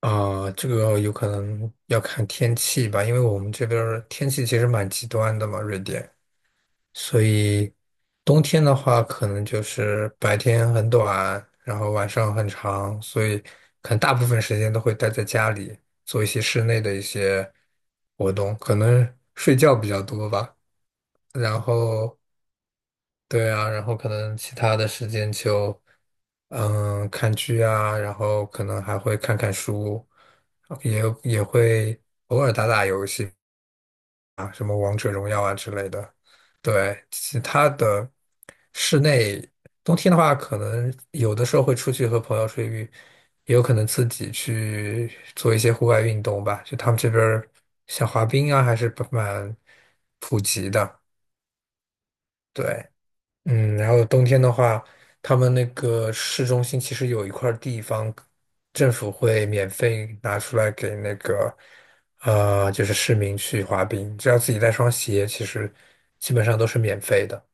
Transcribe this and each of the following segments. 啊，这个有可能要看天气吧，因为我们这边儿天气其实蛮极端的嘛，瑞典，所以冬天的话，可能就是白天很短，然后晚上很长，所以可能大部分时间都会待在家里，做一些室内的一些活动，可能睡觉比较多吧，然后对啊，然后可能其他的时间就，嗯，看剧啊，然后可能还会看看书，也会偶尔打打游戏啊，什么王者荣耀啊之类的。对，其他的室内，冬天的话，可能有的时候会出去和朋友出去，也有可能自己去做一些户外运动吧。就他们这边儿像滑冰啊，还是蛮普及的。对。嗯，然后冬天的话，他们那个市中心其实有一块儿地方，政府会免费拿出来给那个，呃，就是市民去滑冰，只要自己带双鞋，其实基本上都是免费的。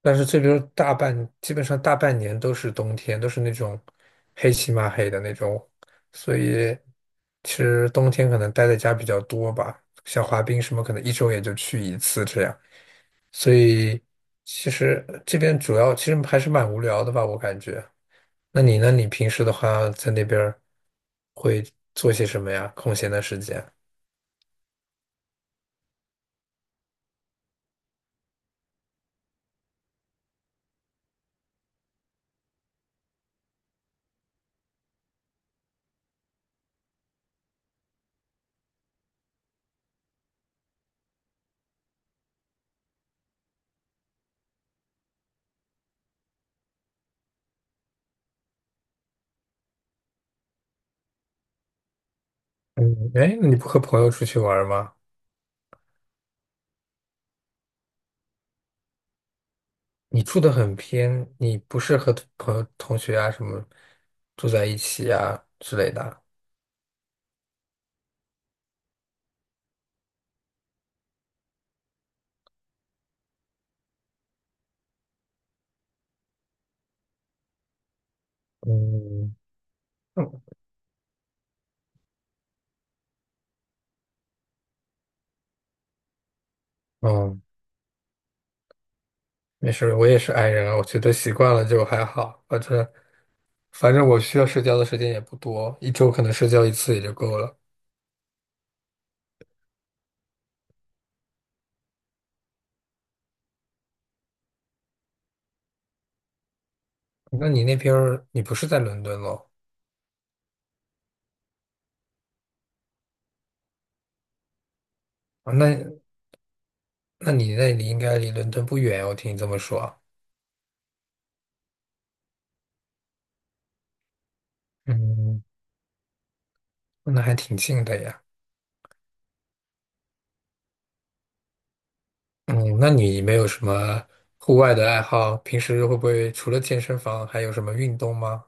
但是这边大半，基本上大半年都是冬天，都是那种黑漆麻黑的那种，所以其实冬天可能待在家比较多吧，像滑冰什么，可能一周也就去一次这样。所以其实这边主要其实还是蛮无聊的吧，我感觉。那你呢？你平时的话在那边儿会做些什么呀？空闲的时间？嗯，哎，那你不和朋友出去玩儿吗？你住的很偏，你不是和朋友、同学啊什么住在一起啊之类的啊嗯嗯，嗯，没事儿，我也是 i 人啊，我觉得习惯了就还好，反正我需要社交的时间也不多，一周可能社交一次也就够了。那你那边儿你不是在伦敦咯？啊，那那你那里应该离伦敦不远，我听你这么说啊。嗯，那还挺近的呀。嗯，那你没有什么户外的爱好？平时会不会除了健身房还有什么运动吗？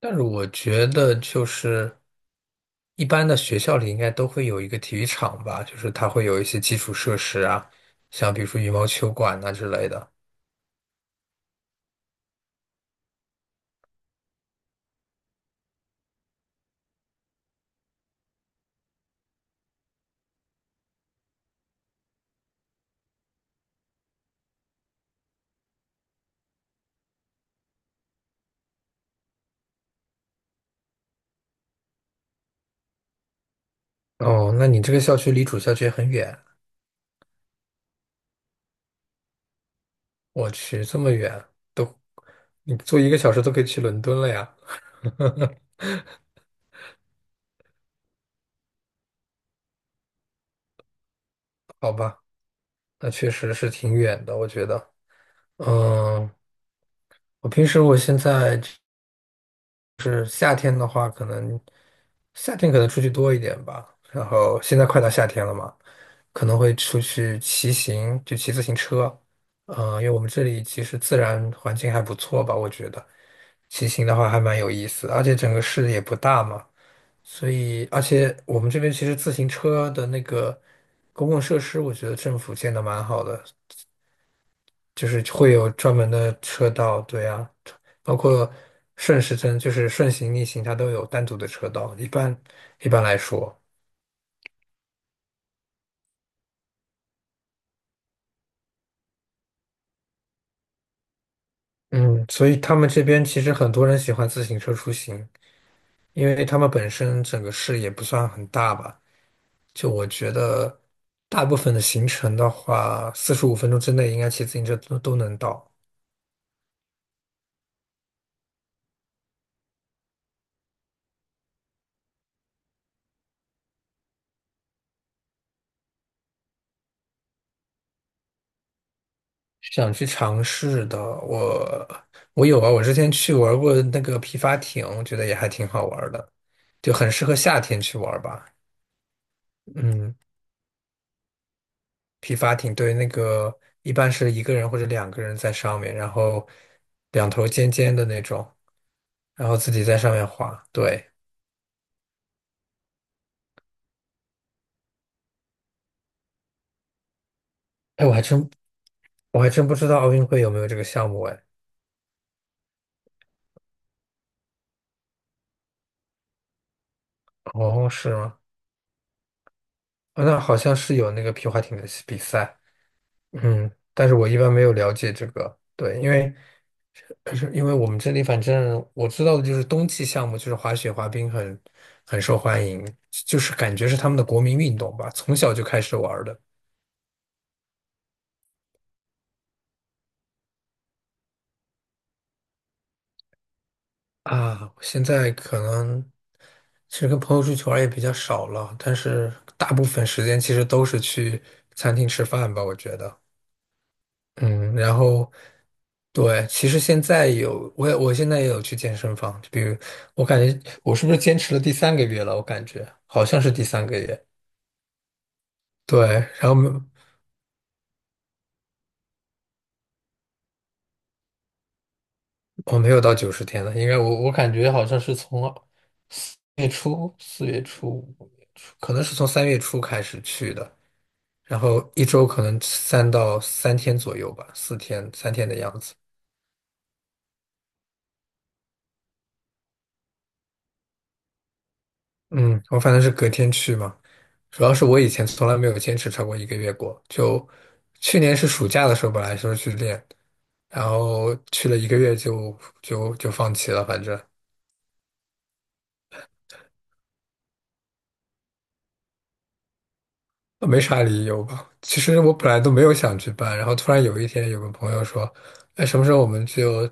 但是我觉得就是一般的学校里应该都会有一个体育场吧，就是它会有一些基础设施啊，像比如说羽毛球馆啊之类的。哦，那你这个校区离主校区很远。我去，这么远都，你坐一个小时都可以去伦敦了呀？好吧，那确实是挺远的，我觉得。嗯，我平时我现在就是夏天的话，可能夏天可能出去多一点吧。然后现在快到夏天了嘛，可能会出去骑行，就骑自行车。嗯，因为我们这里其实自然环境还不错吧，我觉得骑行的话还蛮有意思，而且整个市也不大嘛。所以，而且我们这边其实自行车的那个公共设施，我觉得政府建的蛮好的，就是会有专门的车道，对啊，包括顺时针，就是顺行、逆行，它都有单独的车道。一般来说，嗯，所以他们这边其实很多人喜欢自行车出行，因为他们本身整个市也不算很大吧，就我觉得大部分的行程的话，45分钟之内应该骑自行车都能到。想去尝试的，我有啊，我之前去玩过那个皮划艇，我觉得也还挺好玩的，就很适合夏天去玩吧。嗯，皮划艇对那个一般是一个人或者两个人在上面，然后两头尖尖的那种，然后自己在上面滑。对，哎，我还真不知道奥运会有没有这个项目哎。哦，是吗？哦那好像是有那个皮划艇的比赛。嗯，但是我一般没有了解这个，对，因为可是因为我们这里，反正我知道的就是冬季项目，就是滑雪、滑冰很受欢迎，就是感觉是他们的国民运动吧，从小就开始玩儿的啊。现在可能其实跟朋友出去玩儿也比较少了，但是大部分时间其实都是去餐厅吃饭吧，我觉得。嗯，然后对，其实现在有我也我现在也有去健身房，就比如我感觉我是不是坚持了第三个月了？我感觉好像是第三个月。对，然后我没有到90天了，应该我感觉好像是从四月初、四月初、五月初，可能是从三月初开始去的，然后一周可能三天左右吧，四天、三天的样子。嗯，我反正是隔天去嘛，主要是我以前从来没有坚持超过一个月过，就去年是暑假的时候本来说去练，然后去了一个月就放弃了，反正。没啥理由吧。其实我本来都没有想去办，然后突然有一天有个朋友说："哎，什么时候我们就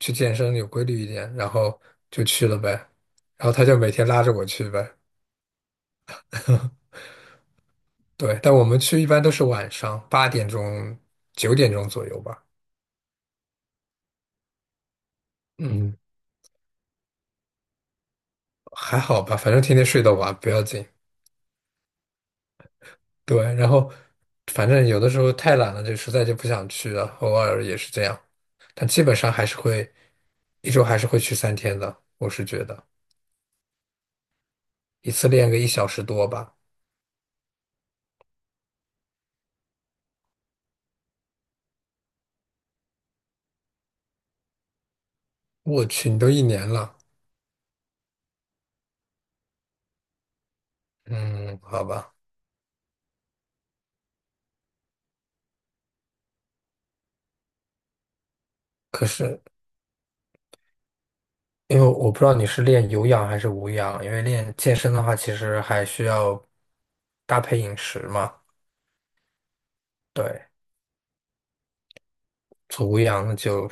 去健身有规律一点？"然后就去了呗。然后他就每天拉着我去呗。对，但我们去一般都是晚上8点钟、9点钟左右吧。嗯，还好吧，反正天天睡得晚，不要紧。对，然后反正有的时候太懒了，就实在就不想去了，偶尔也是这样。但基本上还是会一周还是会去三天的，我是觉得。一次练个一小时多吧。我去，你都一年了。嗯，好吧。可是因为我不知道你是练有氧还是无氧，因为练健身的话，其实还需要搭配饮食嘛。对，做无氧那就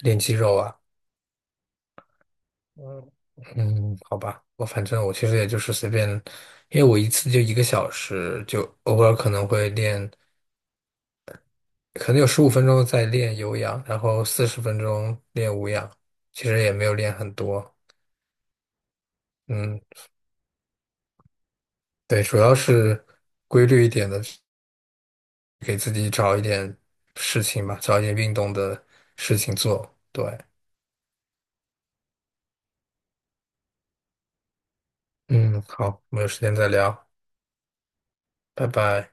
练肌肉啊。嗯嗯，好吧。我反正我其实也就是随便，因为我一次就一个小时，就偶尔可能会练，可能有十五分钟在练有氧，然后40分钟练无氧，其实也没有练很多。嗯。对，主要是规律一点的，给自己找一点事情吧，找一点运动的事情做。对，嗯，好，我们有时间再聊，拜拜。